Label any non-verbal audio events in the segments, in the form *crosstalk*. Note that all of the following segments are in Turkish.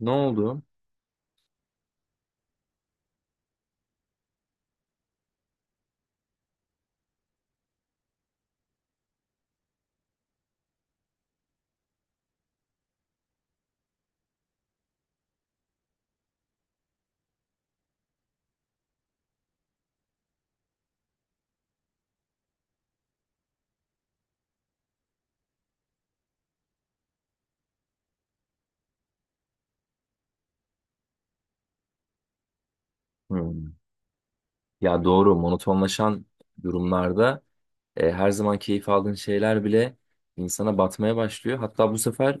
Ne oldu? Hmm. Ya doğru monotonlaşan durumlarda her zaman keyif aldığın şeyler bile insana batmaya başlıyor. Hatta bu sefer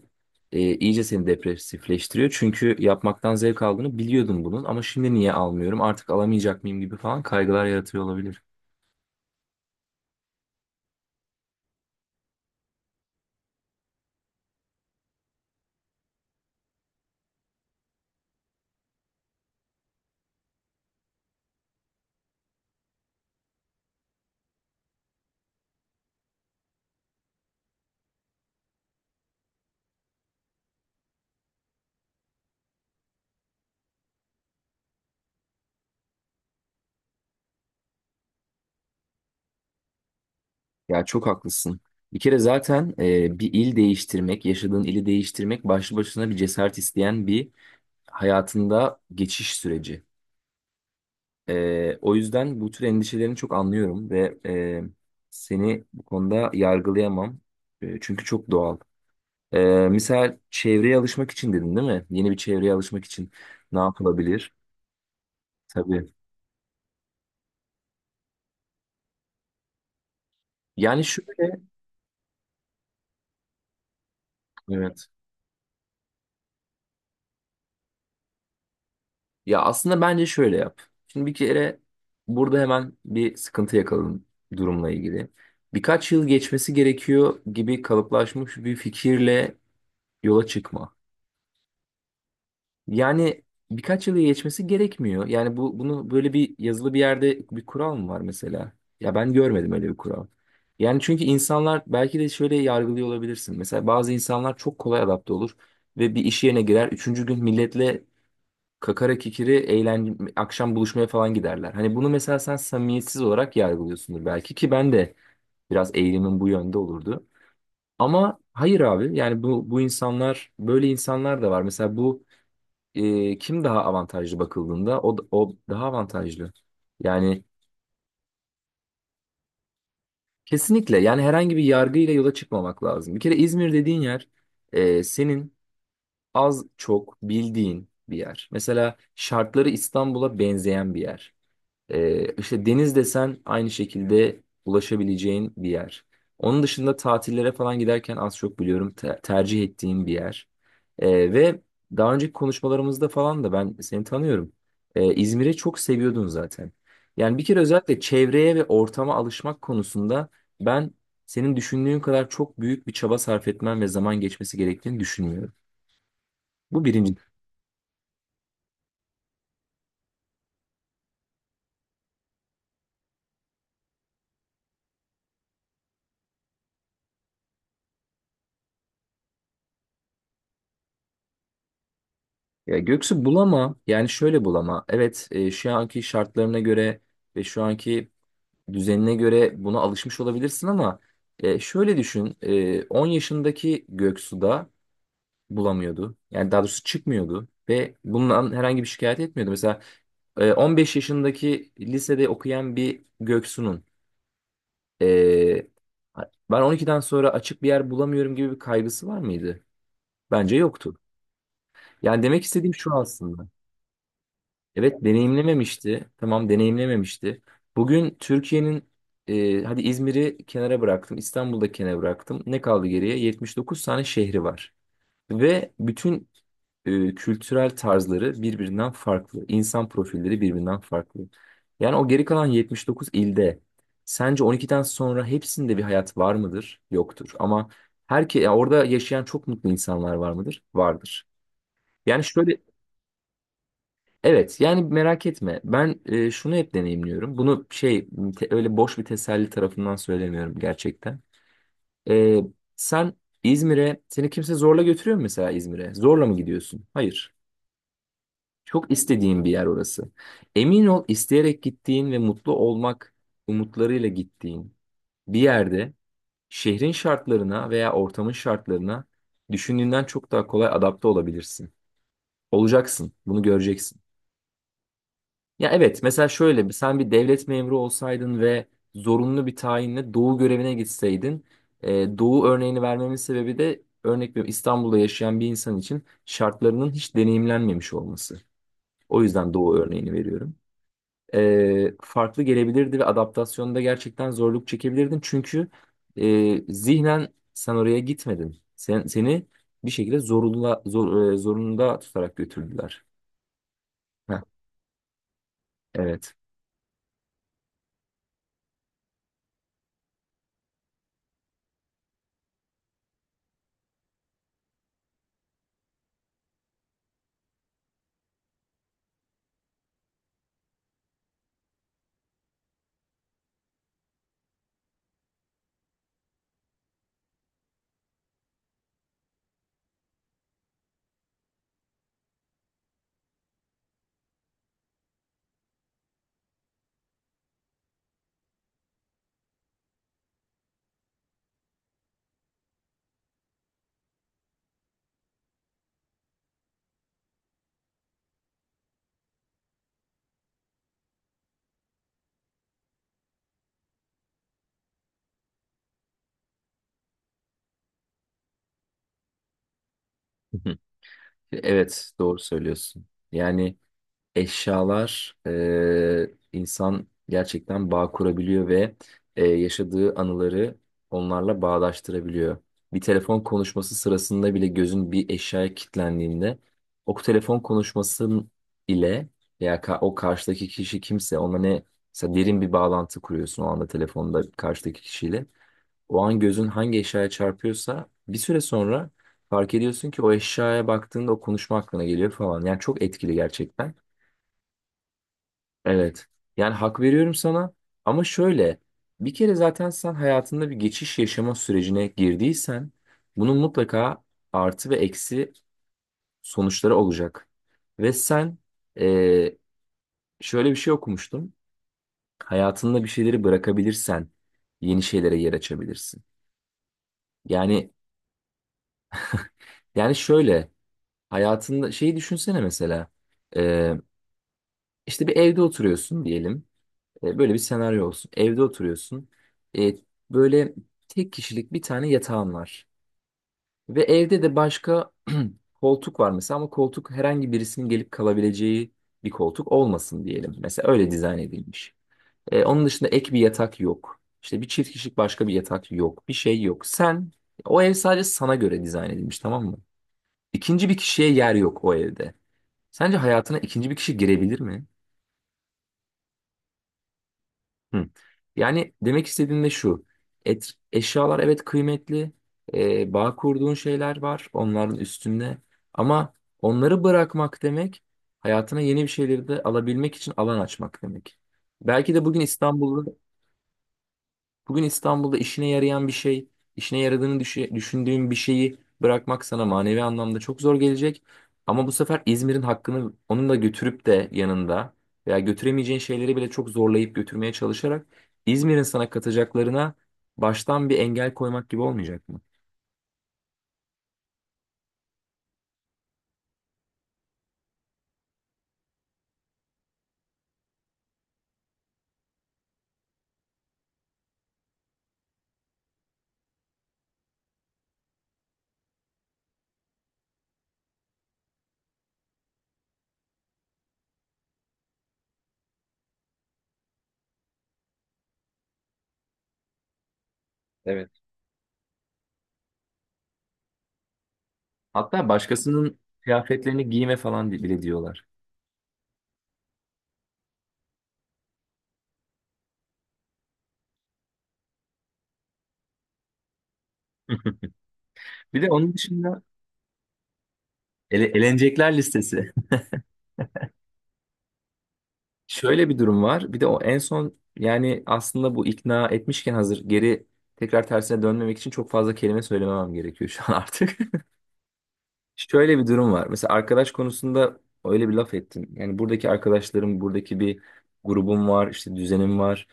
iyice seni depresifleştiriyor. Çünkü yapmaktan zevk aldığını biliyordum bunun ama şimdi niye almıyorum artık alamayacak mıyım gibi falan kaygılar yaratıyor olabilir. Ya çok haklısın. Bir kere zaten bir il değiştirmek, yaşadığın ili değiştirmek başlı başına bir cesaret isteyen bir hayatında geçiş süreci. O yüzden bu tür endişelerini çok anlıyorum ve seni bu konuda yargılayamam. Çünkü çok doğal. Ee, Misal çevreye alışmak için dedin değil mi? Yeni bir çevreye alışmak için ne yapılabilir? Tabii. Yani şöyle, evet. Ya aslında bence şöyle yap. Şimdi bir kere burada hemen bir sıkıntı yakaladın durumla ilgili. Birkaç yıl geçmesi gerekiyor gibi kalıplaşmış bir fikirle yola çıkma. Yani birkaç yılı geçmesi gerekmiyor. Yani bunu böyle bir yazılı bir yerde bir kural mı var mesela? Ya ben görmedim öyle bir kural. Yani çünkü insanlar belki de şöyle yargılıyor olabilirsin. Mesela bazı insanlar çok kolay adapte olur ve bir iş yerine girer. Üçüncü gün milletle kakara kikiri eğlence, akşam buluşmaya falan giderler. Hani bunu mesela sen samimiyetsiz olarak yargılıyorsundur belki ki ben de biraz eğilimim bu yönde olurdu. Ama hayır abi yani bu insanlar böyle insanlar da var. Mesela bu kim daha avantajlı bakıldığında o daha avantajlı. Yani kesinlikle yani herhangi bir yargıyla yola çıkmamak lazım. Bir kere İzmir dediğin yer senin az çok bildiğin bir yer. Mesela şartları İstanbul'a benzeyen bir yer. İşte deniz desen aynı şekilde ulaşabileceğin bir yer. Onun dışında tatillere falan giderken az çok biliyorum tercih ettiğin bir yer. Ve daha önceki konuşmalarımızda falan da ben seni tanıyorum. İzmir'i çok seviyordun zaten. Yani bir kere özellikle çevreye ve ortama alışmak konusunda ben senin düşündüğün kadar çok büyük bir çaba sarf etmen ve zaman geçmesi gerektiğini düşünmüyorum. Bu birinci. Ya Göksu bulama yani şöyle bulama. Evet, şu anki şartlarına göre ve şu anki düzenine göre buna alışmış olabilirsin ama şöyle düşün, 10 yaşındaki Göksu da bulamıyordu. Yani daha doğrusu çıkmıyordu ve bundan herhangi bir şikayet etmiyordu. Mesela 15 yaşındaki lisede okuyan bir Göksu'nun e, ben 12'den sonra açık bir yer bulamıyorum gibi bir kaygısı var mıydı? Bence yoktu. Yani demek istediğim şu aslında. Evet deneyimlememişti. Tamam deneyimlememişti. Bugün Türkiye'nin hadi İzmir'i kenara bıraktım. İstanbul'da kenara bıraktım. Ne kaldı geriye? 79 tane şehri var. Ve bütün kültürel tarzları birbirinden farklı. İnsan profilleri birbirinden farklı. Yani o geri kalan 79 ilde sence 12'den sonra hepsinde bir hayat var mıdır? Yoktur. Ama ya orada yaşayan çok mutlu insanlar var mıdır? Vardır. Yani şöyle, evet yani merak etme. Ben şunu hep deneyimliyorum. Bunu öyle boş bir teselli tarafından söylemiyorum gerçekten. E, Sen İzmir'e seni kimse zorla götürüyor mu mesela İzmir'e? Zorla mı gidiyorsun? Hayır. Çok istediğin bir yer orası. Emin ol isteyerek gittiğin ve mutlu olmak umutlarıyla gittiğin bir yerde şehrin şartlarına veya ortamın şartlarına düşündüğünden çok daha kolay adapte olabilirsin. Olacaksın. Bunu göreceksin. Ya evet, mesela şöyle bir sen bir devlet memuru olsaydın ve zorunlu bir tayinle doğu görevine gitseydin, doğu örneğini vermemin sebebi de örnek veriyorum İstanbul'da yaşayan bir insan için şartlarının hiç deneyimlenmemiş olması. O yüzden doğu örneğini veriyorum. Farklı gelebilirdi ve adaptasyonda gerçekten zorluk çekebilirdin çünkü zihnen sen oraya gitmedin. Seni bir şekilde zorunda tutarak götürdüler. Heh, evet. *laughs* Evet, doğru söylüyorsun. Yani eşyalar, insan gerçekten bağ kurabiliyor ve yaşadığı anıları onlarla bağdaştırabiliyor. Bir telefon konuşması sırasında bile gözün bir eşyaya kilitlendiğinde o telefon konuşması ile veya o karşıdaki kişi kimse ona ne mesela derin bir bağlantı kuruyorsun o anda telefonda karşıdaki kişiyle. O an gözün hangi eşyaya çarpıyorsa bir süre sonra fark ediyorsun ki o eşyaya baktığında o konuşma aklına geliyor falan. Yani çok etkili gerçekten. Evet. Yani hak veriyorum sana ama şöyle, bir kere zaten sen hayatında bir geçiş yaşama sürecine girdiysen bunun mutlaka artı ve eksi sonuçları olacak. Ve sen eee, şöyle bir şey okumuştum. Hayatında bir şeyleri bırakabilirsen yeni şeylere yer açabilirsin. Yani yani şöyle, hayatında şeyi düşünsene mesela. Ee, işte bir evde oturuyorsun diyelim. Böyle bir senaryo olsun. Evde oturuyorsun. Ee, Böyle tek kişilik bir tane yatağın var. Ve evde de başka *clears throat* koltuk var mesela ama koltuk herhangi birisinin gelip kalabileceği bir koltuk olmasın diyelim. Mesela öyle dizayn edilmiş. Onun dışında ek bir yatak yok. İşte bir çift kişilik başka bir yatak yok. Bir şey yok. Sen o ev sadece sana göre dizayn edilmiş, tamam mı? İkinci bir kişiye yer yok o evde. Sence hayatına ikinci bir kişi girebilir mi? Hı. Yani demek istediğim de şu. Eşyalar evet kıymetli. Bağ kurduğun şeyler var onların üstünde. Ama onları bırakmak demek hayatına yeni bir şeyleri de alabilmek için alan açmak demek. Belki de bugün İstanbul'da Bugün İstanbul'da işine yarayan bir şey, işine yaradığını düşündüğün bir şeyi bırakmak sana manevi anlamda çok zor gelecek. Ama bu sefer İzmir'in hakkını onun da götürüp de yanında veya götüremeyeceğin şeyleri bile çok zorlayıp götürmeye çalışarak İzmir'in sana katacaklarına baştan bir engel koymak gibi olmayacak mı? Evet. Hatta başkasının kıyafetlerini giyme falan bile diyorlar. *laughs* Bir de onun dışında elenecekler listesi. Şöyle bir durum var. Bir de o en son yani aslında bu ikna etmişken hazır geri tekrar tersine dönmemek için çok fazla kelime söylememem gerekiyor şu an *laughs* artık. Şöyle bir durum var. Mesela arkadaş konusunda öyle bir laf ettin. Yani buradaki arkadaşlarım, buradaki bir grubum var, işte düzenim var.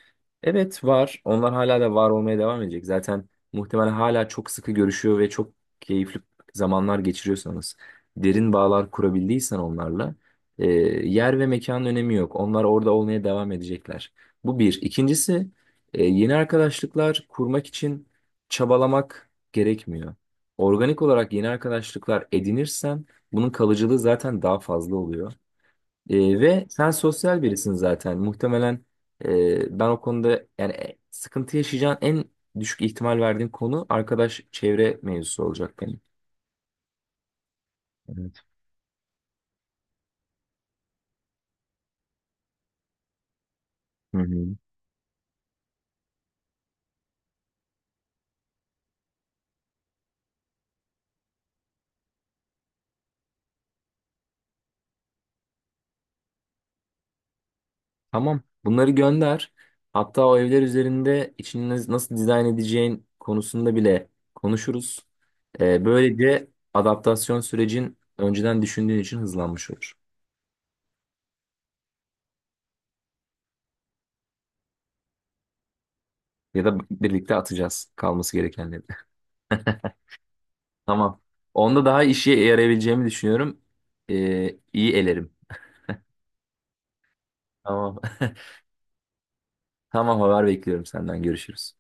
Evet var. Onlar hala da var olmaya devam edecek. Zaten muhtemelen hala çok sıkı görüşüyor ve çok keyifli zamanlar geçiriyorsanız, derin bağlar kurabildiysen onlarla, e, yer ve mekanın önemi yok. Onlar orada olmaya devam edecekler. Bu bir. İkincisi, yeni arkadaşlıklar kurmak için çabalamak gerekmiyor. Organik olarak yeni arkadaşlıklar edinirsen bunun kalıcılığı zaten daha fazla oluyor. Ve sen sosyal birisin zaten. Muhtemelen ben o konuda sıkıntı yaşayacağın en düşük ihtimal verdiğim konu arkadaş çevre mevzusu olacak benim. Evet. Hı hı. Tamam. Bunları gönder. Hatta o evler üzerinde içini nasıl dizayn edeceğin konusunda bile konuşuruz. Böylece adaptasyon sürecin önceden düşündüğün için hızlanmış olur. Ya da birlikte atacağız kalması gerekenleri. *laughs* Tamam. Onda daha işe yarayabileceğimi düşünüyorum. İyi elerim. Tamam. *laughs* Tamam, haber bekliyorum senden. Görüşürüz.